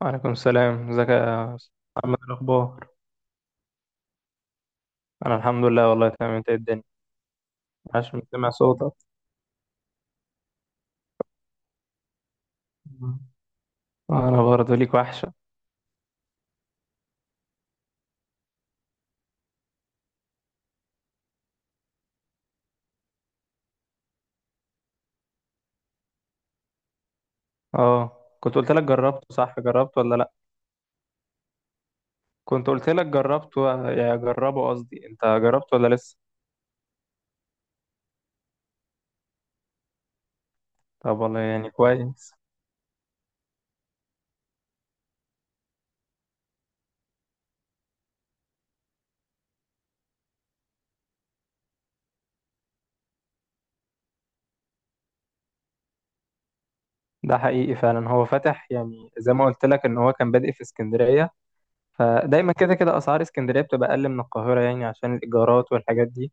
وعليكم السلام. ازيك يا أستاذ محمد؟ الاخبار؟ انا الحمد لله والله تمام. انت إيه الدنيا؟ عاش من سمع صوتك. مم. انا برضه ليك وحشه. اه، كنت قلت لك جربته، صح؟ جربته ولا لا؟ كنت قلت لك جربته، يا جربه قصدي، انت جربته ولا لسه؟ طب والله يعني كويس. ده حقيقي فعلا، هو فاتح يعني زي ما قلت لك ان هو كان بادئ في اسكندريه. فدايما كده كده اسعار اسكندريه بتبقى اقل من القاهره، يعني عشان الايجارات والحاجات دي.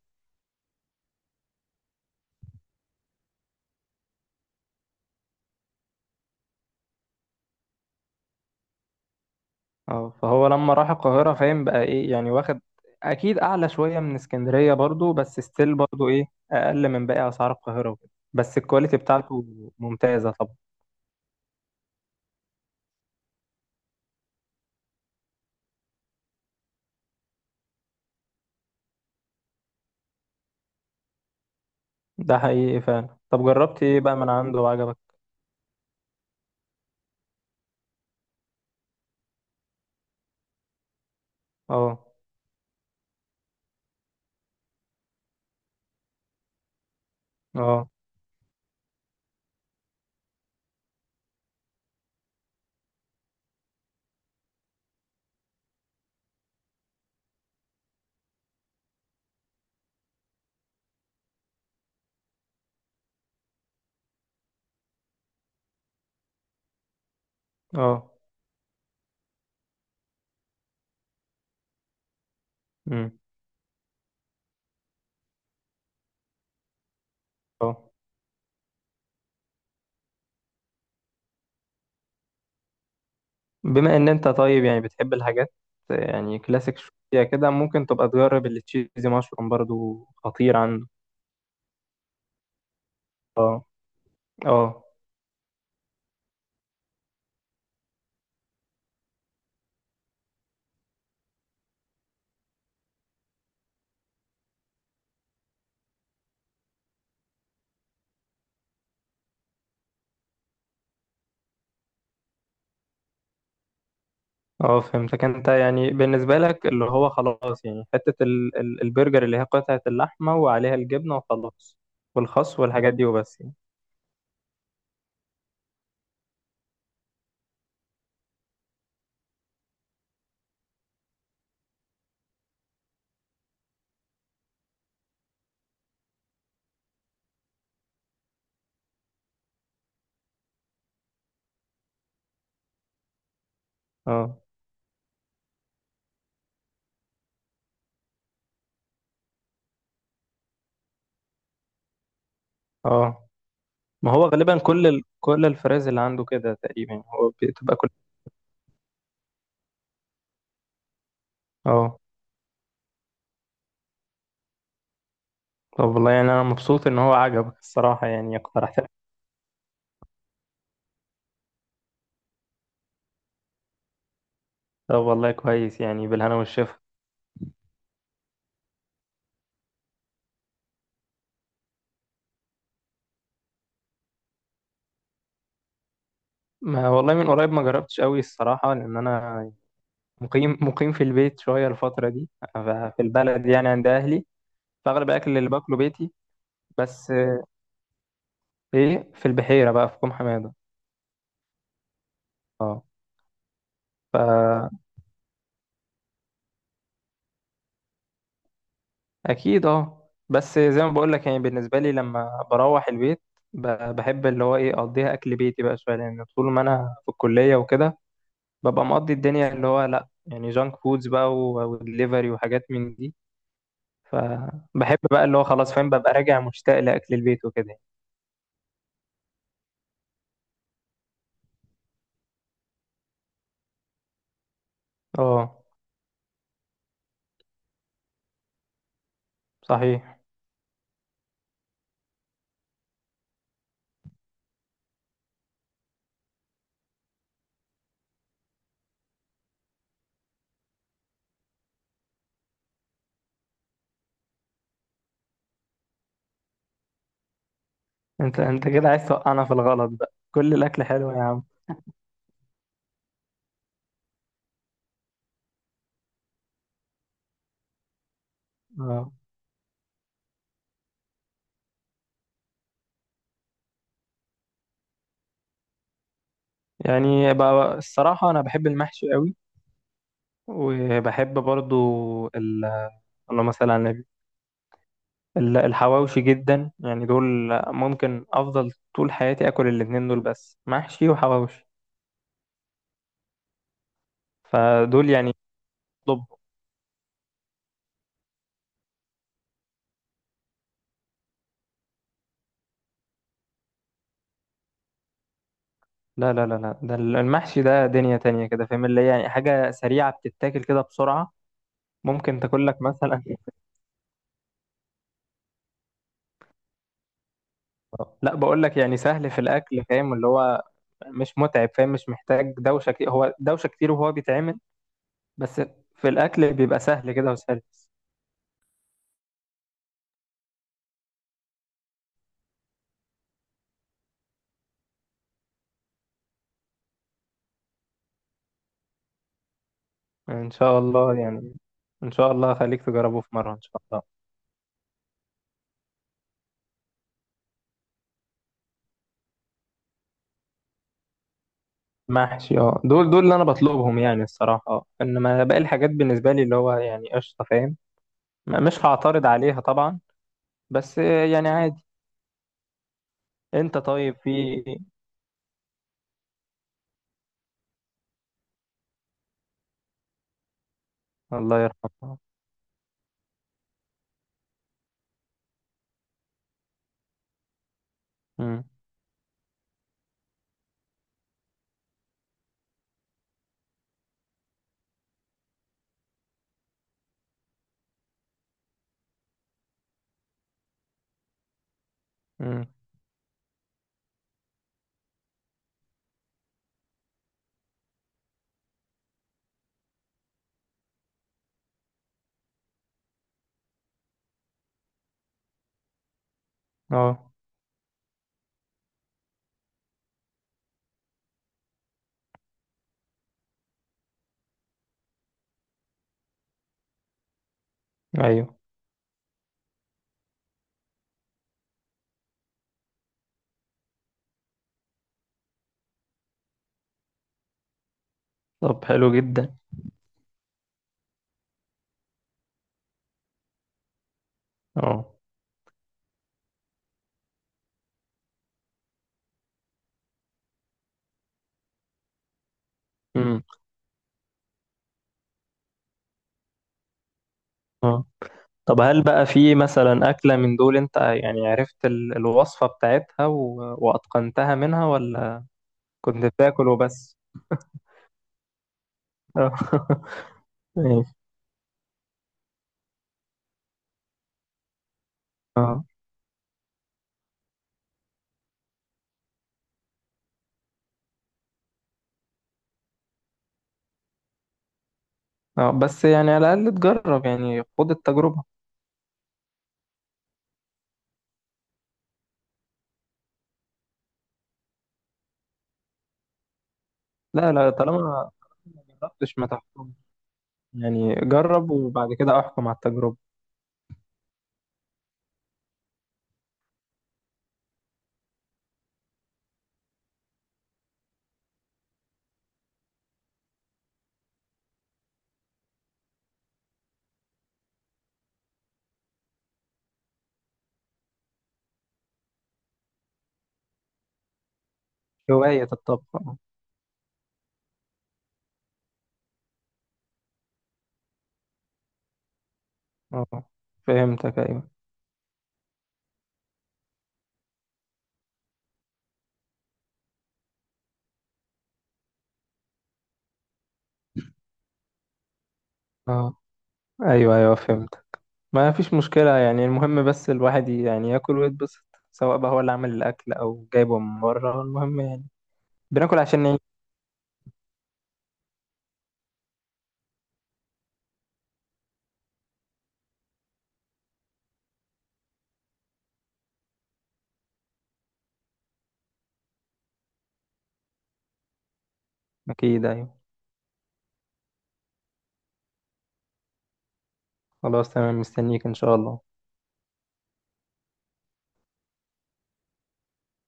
اه، فهو لما راح القاهرة فاهم بقى ايه يعني، واخد اكيد اعلى شوية من اسكندرية برضو، بس ستيل برضو ايه، اقل من باقي اسعار القاهرة وكده. بس الكواليتي بتاعته ممتازة طبعا. ده حقيقي فعلا. طب جربت ايه بقى من عنده وعجبك؟ اه. اه. اه. امم. اه، بما ان انت طيب يعني بتحب الحاجات، يعني كلاسيك شوية كده، ممكن تبقى تجرب التشيزي مشروم، برضو خطير عنده. اه. اه. اه. فهمتك. انت يعني بالنسبة لك اللي هو خلاص، يعني حتة ال البرجر اللي هي قطعة اللحمة وعليها الجبنة وخلاص، والخس والحاجات دي وبس يعني. اه. اه. ما هو غالبا كل الفراز اللي عنده كده تقريبا يعني، هو بتبقى كل اه. طب والله يعني انا مبسوط ان هو عجبك الصراحة، يعني اقترحت. طب والله كويس، يعني بالهنا والشفا. ما والله من قريب ما جربتش قوي الصراحة، لأن أنا مقيم في البيت شوية الفترة دي، ف- في البلد يعني عند أهلي. فأغلب الأكل اللي باكله بيتي. بس ايه، في البحيرة بقى، في كوم حمادة. اه. فأكيد. اه، بس زي ما بقول لك يعني بالنسبة لي لما بروح البيت، بحب اللي هو ايه أقضيها أكل بيتي بقى شوية، لأن طول ما أنا في الكلية وكده ببقى مقضي الدنيا اللي هو لأ، يعني جانك فودز بقى ودليفري وحاجات من دي، فبحب بقى اللي هو خلاص فاهم، ببقى راجع مشتاق لأكل البيت وكده. اه. صحيح. انت كده عايز توقعنا في الغلط، بقى كل الأكل حلو يا عم. اه، يعني بقى الصراحة أنا بحب المحشي قوي، وبحب برضو ال... اللهم مثلا على النبي الحواوشي جدا، يعني دول ممكن افضل طول حياتي اكل الاتنين دول، بس محشي وحواوشي. فدول يعني. طب لا لا لا لا، ده المحشي ده دنيا تانية كده فاهم، اللي هي يعني حاجة سريعة بتتاكل كده بسرعة، ممكن تاكل لك مثلا. لا بقول لك يعني سهل في الاكل فاهم، اللي هو مش متعب فاهم، مش محتاج دوشة كتير، هو دوشة كتير وهو بيتعمل بس، في الاكل بيبقى سهل كده وسهل. ان شاء الله يعني. ان شاء الله خليك تجربه في مره ان شاء الله. محشي، اه، دول اللي انا بطلبهم يعني الصراحه، اه، انما باقي الحاجات بالنسبه لي اللي هو يعني قشطه فاهم، مش هعترض عليها طبعا، بس يعني عادي. انت طيب في. الله يرحمه. امم. امم. اه، ايوه. طب حلو جدا. اه. امم. اه. طب هل بقى في مثلا اكله من دول انت يعني عرفت الوصفه بتاعتها واتقنتها منها، ولا كنت بتاكل وبس؟ ماشي. اه. اه، بس يعني على الأقل تجرب، يعني خد التجربة. لا لا، طالما ما جربتش ما تحكمش. يعني جرب وبعد كده احكم على التجربة. هواية الطبخ، اه. اه. فهمتك، أيوه. اه، أيوه أيوه فهمت. ما فيش مشكلة يعني، المهم بس الواحد يعني ياكل ويتبسط، سواء بقى هو اللي عامل الأكل أو جايبه من بره، المهم يعني بناكل عشان نعيش. أكيد، أيوه. خلاص تمام مستنيك إن شاء الله.